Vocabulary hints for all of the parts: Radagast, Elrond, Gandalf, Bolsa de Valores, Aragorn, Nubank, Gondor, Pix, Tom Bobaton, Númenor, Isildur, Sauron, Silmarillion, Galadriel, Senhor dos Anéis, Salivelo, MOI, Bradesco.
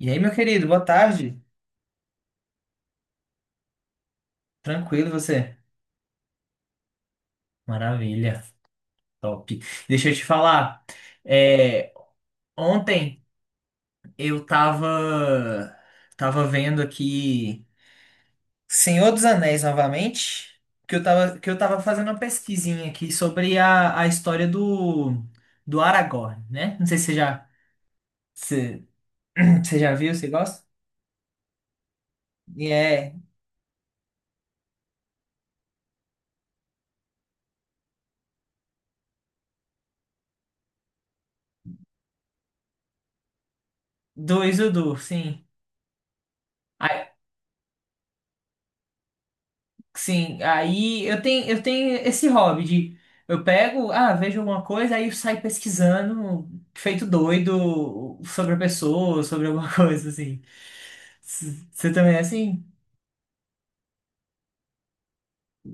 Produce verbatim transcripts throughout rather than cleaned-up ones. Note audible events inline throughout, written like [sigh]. E aí, meu querido, boa tarde. Tranquilo você? Maravilha, top. Deixa eu te falar. é, Ontem eu tava tava vendo aqui Senhor dos Anéis novamente, que eu tava que eu tava fazendo uma pesquisinha aqui sobre a, a história do do Aragorn, né? Não sei se você já se, [clears throat] você já viu, você gosta? E é do Isildur, sim. Sim, aí eu tenho, eu tenho esse hobby de eu pego, ah, vejo alguma coisa, aí eu saio pesquisando, feito doido, sobre a pessoa, sobre alguma [laughs] coisa assim. S- Você também é assim?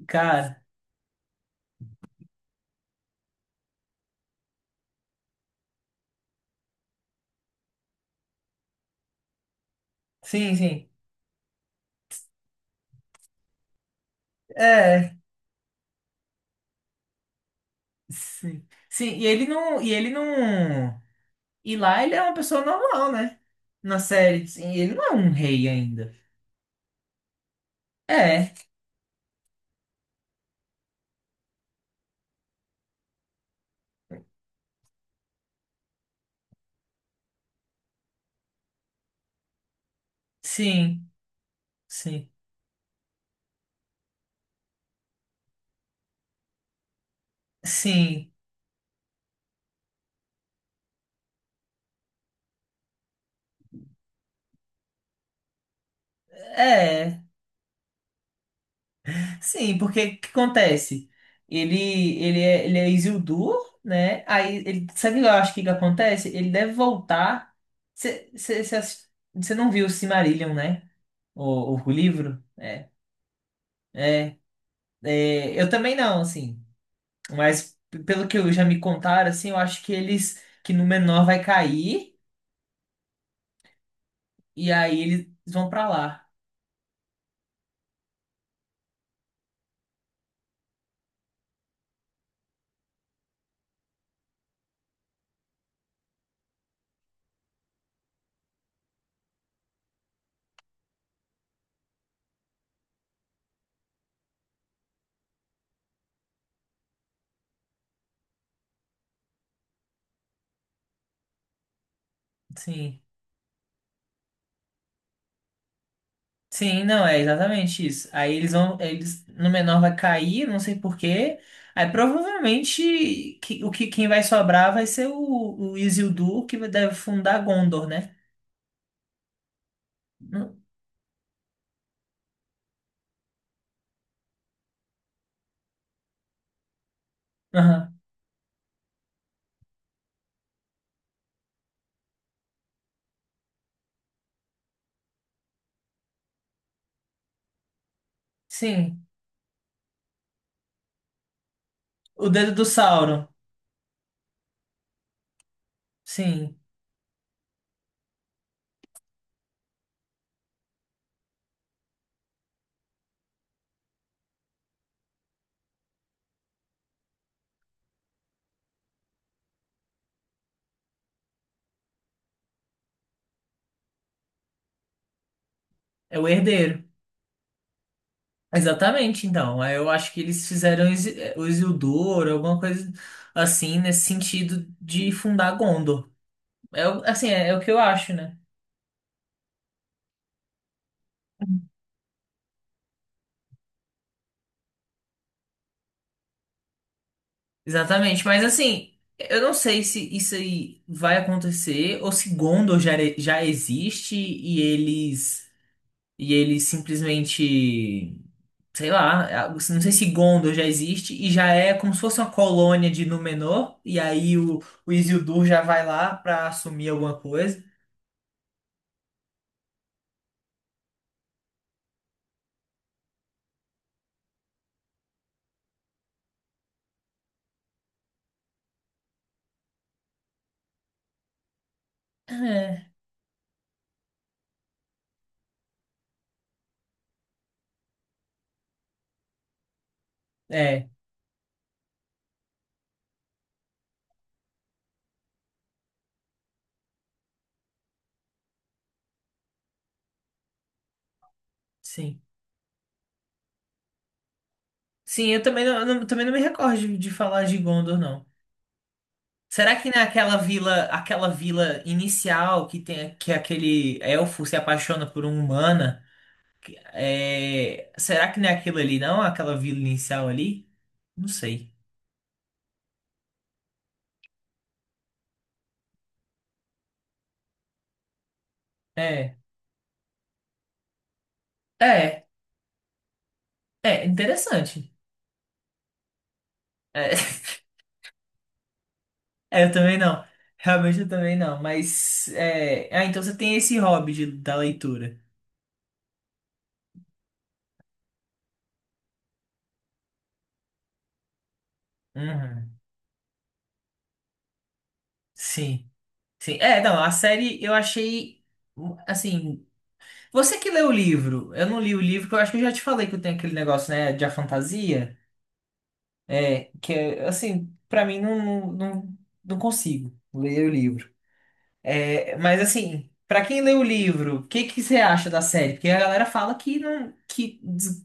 Cara, sim, sim. É, sim. Sim, e ele não, e ele não. E lá ele é uma pessoa normal, né? Na série, sim, ele não é um rei ainda. É, sim, sim, sim. É. Sim, porque o que acontece? Ele, ele é, ele é Isildur, né? Aí ele, sabe o que eu acho que que acontece? Ele deve voltar. Você não viu o Silmarillion, né? O, o, o livro? É. É, eu também não, assim. Mas p- pelo que eu já me contaram, assim, eu acho que eles que Númenor vai cair e aí eles vão pra lá. Sim. Sim, não, é exatamente isso. Aí eles vão, eles no menor vai cair, não sei por quê. Aí provavelmente que- o que quem vai sobrar vai ser o, o Isildur que deve fundar Gondor, né? Hum, aham. Sim, o dedo do Sauron. Sim, é o herdeiro. Exatamente, então. Aí eu acho que eles fizeram Isi- eh, o Isildur, alguma coisa assim nesse sentido de fundar Gondor. É, o- assim, é, é o que eu acho, né? Exatamente, mas assim, eu não sei se isso aí vai acontecer ou se Gondor já, e- já existe e eles e eles simplesmente, sei lá, não sei se Gondor já existe e já é como se fosse uma colônia de Númenor e aí o, o Isildur já vai lá pra assumir alguma coisa. É, é, sim. Sim, eu também não, eu não- também não me recordo de, de falar de Gondor, não. Será que naquela vila, aquela vila inicial que tem que aquele elfo se apaixona por uma humana, é, será que não é aquilo ali, não? Aquela vila inicial ali? Não sei. É, é, é interessante. É, [laughs] é, eu também não. Realmente eu também não. Mas é, ah, então você tem esse hobby de- da leitura. Uhum. Sim, sim. É, não, a série eu achei assim. Você que leu o livro, eu não li o livro, que eu acho que eu já te falei que eu tenho aquele negócio, né, de a fantasia, é, que é, assim, pra mim não, não, não, não consigo ler o livro. É, mas assim, pra quem lê o livro, o que que você acha da série? Porque a galera fala que não, que des-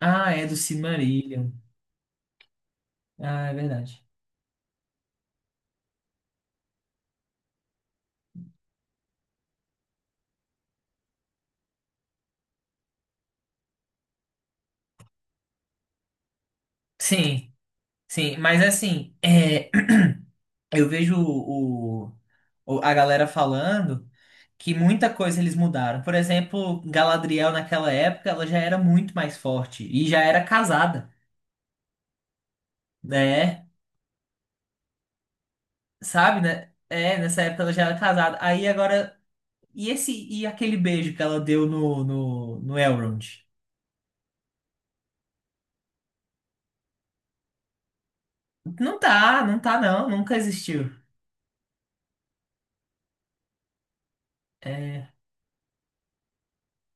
ah, é do Silmarillion. Ah, é verdade. Sim, sim, mas assim, é, eu vejo o, o- a galera falando que muita coisa eles mudaram. Por exemplo, Galadriel naquela época, ela já era muito mais forte e já era casada, né? Sabe, né? É, nessa época ela já era casada. Aí agora, e esse e aquele beijo que ela deu no no, no Elrond? Não tá, não tá não, nunca existiu. É,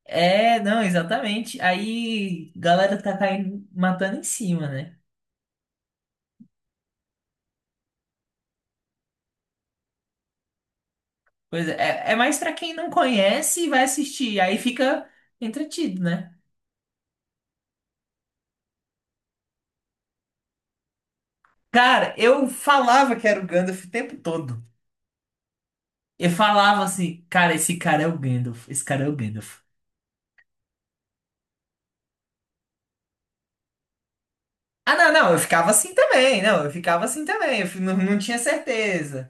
é, não, exatamente. Aí galera tá caindo, matando em cima, né? Pois é, é é mais pra quem não conhece e vai assistir. Aí fica entretido, né? Cara, eu falava que era o Gandalf o tempo todo. Eu falava assim, cara, esse cara é o Gandalf, esse cara é o Gandalf. Ah, não, não, eu ficava assim também, não, eu ficava assim também, eu fi- não, não tinha certeza.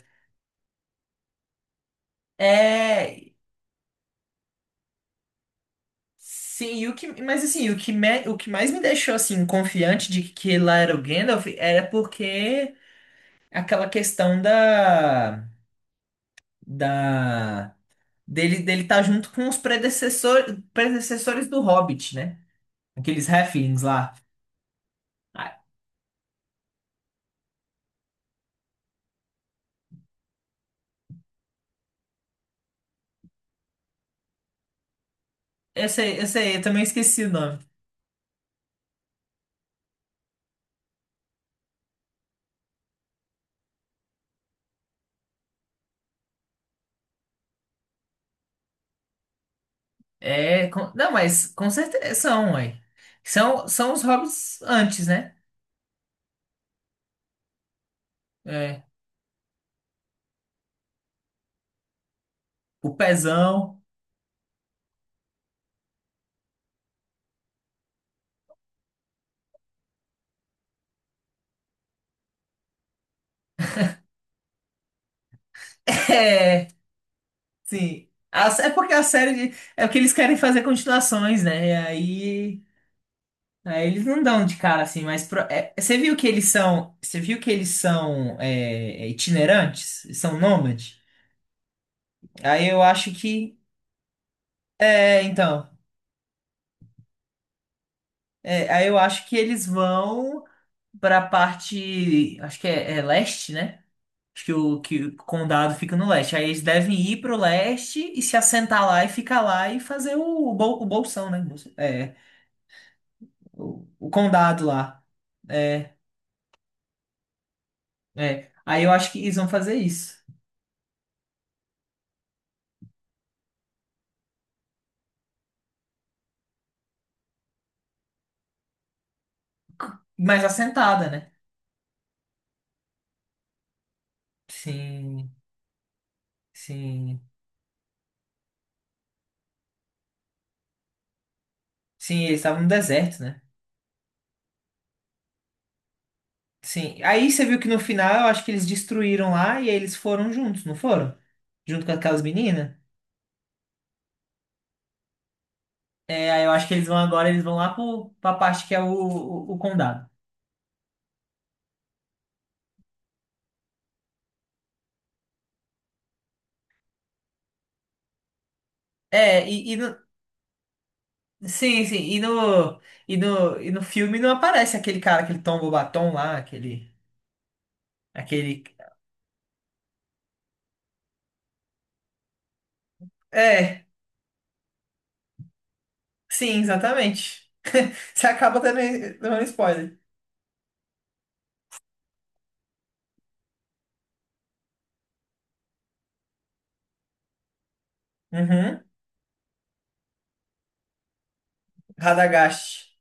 É, sim, e o que, mas assim, o que, me- o que mais me deixou assim confiante de que lá era o Gandalf era porque aquela questão da, da, dele, dele estar junto com os predecessor, predecessores do Hobbit, né? Aqueles halflings lá. essa sei, eu sei, eu também esqueci o nome. É, com- não, mas com certeza são, ué. São, são os hobbits antes, né? É, o pezão. [laughs] É, sim. A sé- É porque a série de- É porque eles querem fazer continuações, né? E aí, aí eles não dão de cara assim, mas pro- é, você viu que eles são, você viu que eles são é, é itinerantes, são nômades? Aí eu acho que é, então, é, aí eu acho que eles vão pra parte, acho que é, é leste, né? Acho que o, que o condado fica no leste. Aí eles devem ir pro leste e se assentar lá e ficar lá e fazer o, bol, o bolsão, né? Bolsa- É, o, o condado lá. É, é. Aí eu acho que eles vão fazer isso. Mas assentada, né? Sim, sim. Sim, eles estavam no deserto, né? Sim. Aí você viu que no final eu acho que eles destruíram lá e aí eles foram juntos, não foram? Junto com aquelas meninas? É, aí eu acho que eles vão agora, eles vão lá pro, pra parte que é o, o, o condado. É, e, e no, sim, sim, e no, e no, e no filme não aparece aquele cara, aquele Tom Bobaton lá. aquele, aquele, é, sim, exatamente. [laughs] Você acaba dando, dando spoiler. Uhum, Radagast.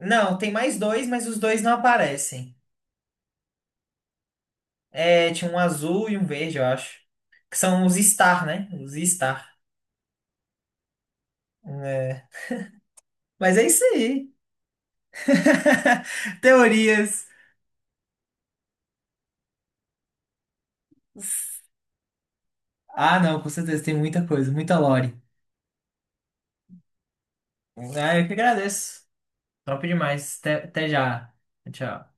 Não, tem mais dois, mas os dois não aparecem. É, tinha um azul e um verde, eu acho. Que são os Star, né? Os Star. É. Mas é isso aí. [laughs] Teorias. Ah, não, com certeza, tem muita coisa, muita lore. Ah, eu que agradeço. Top demais. Até, até já. Tchau.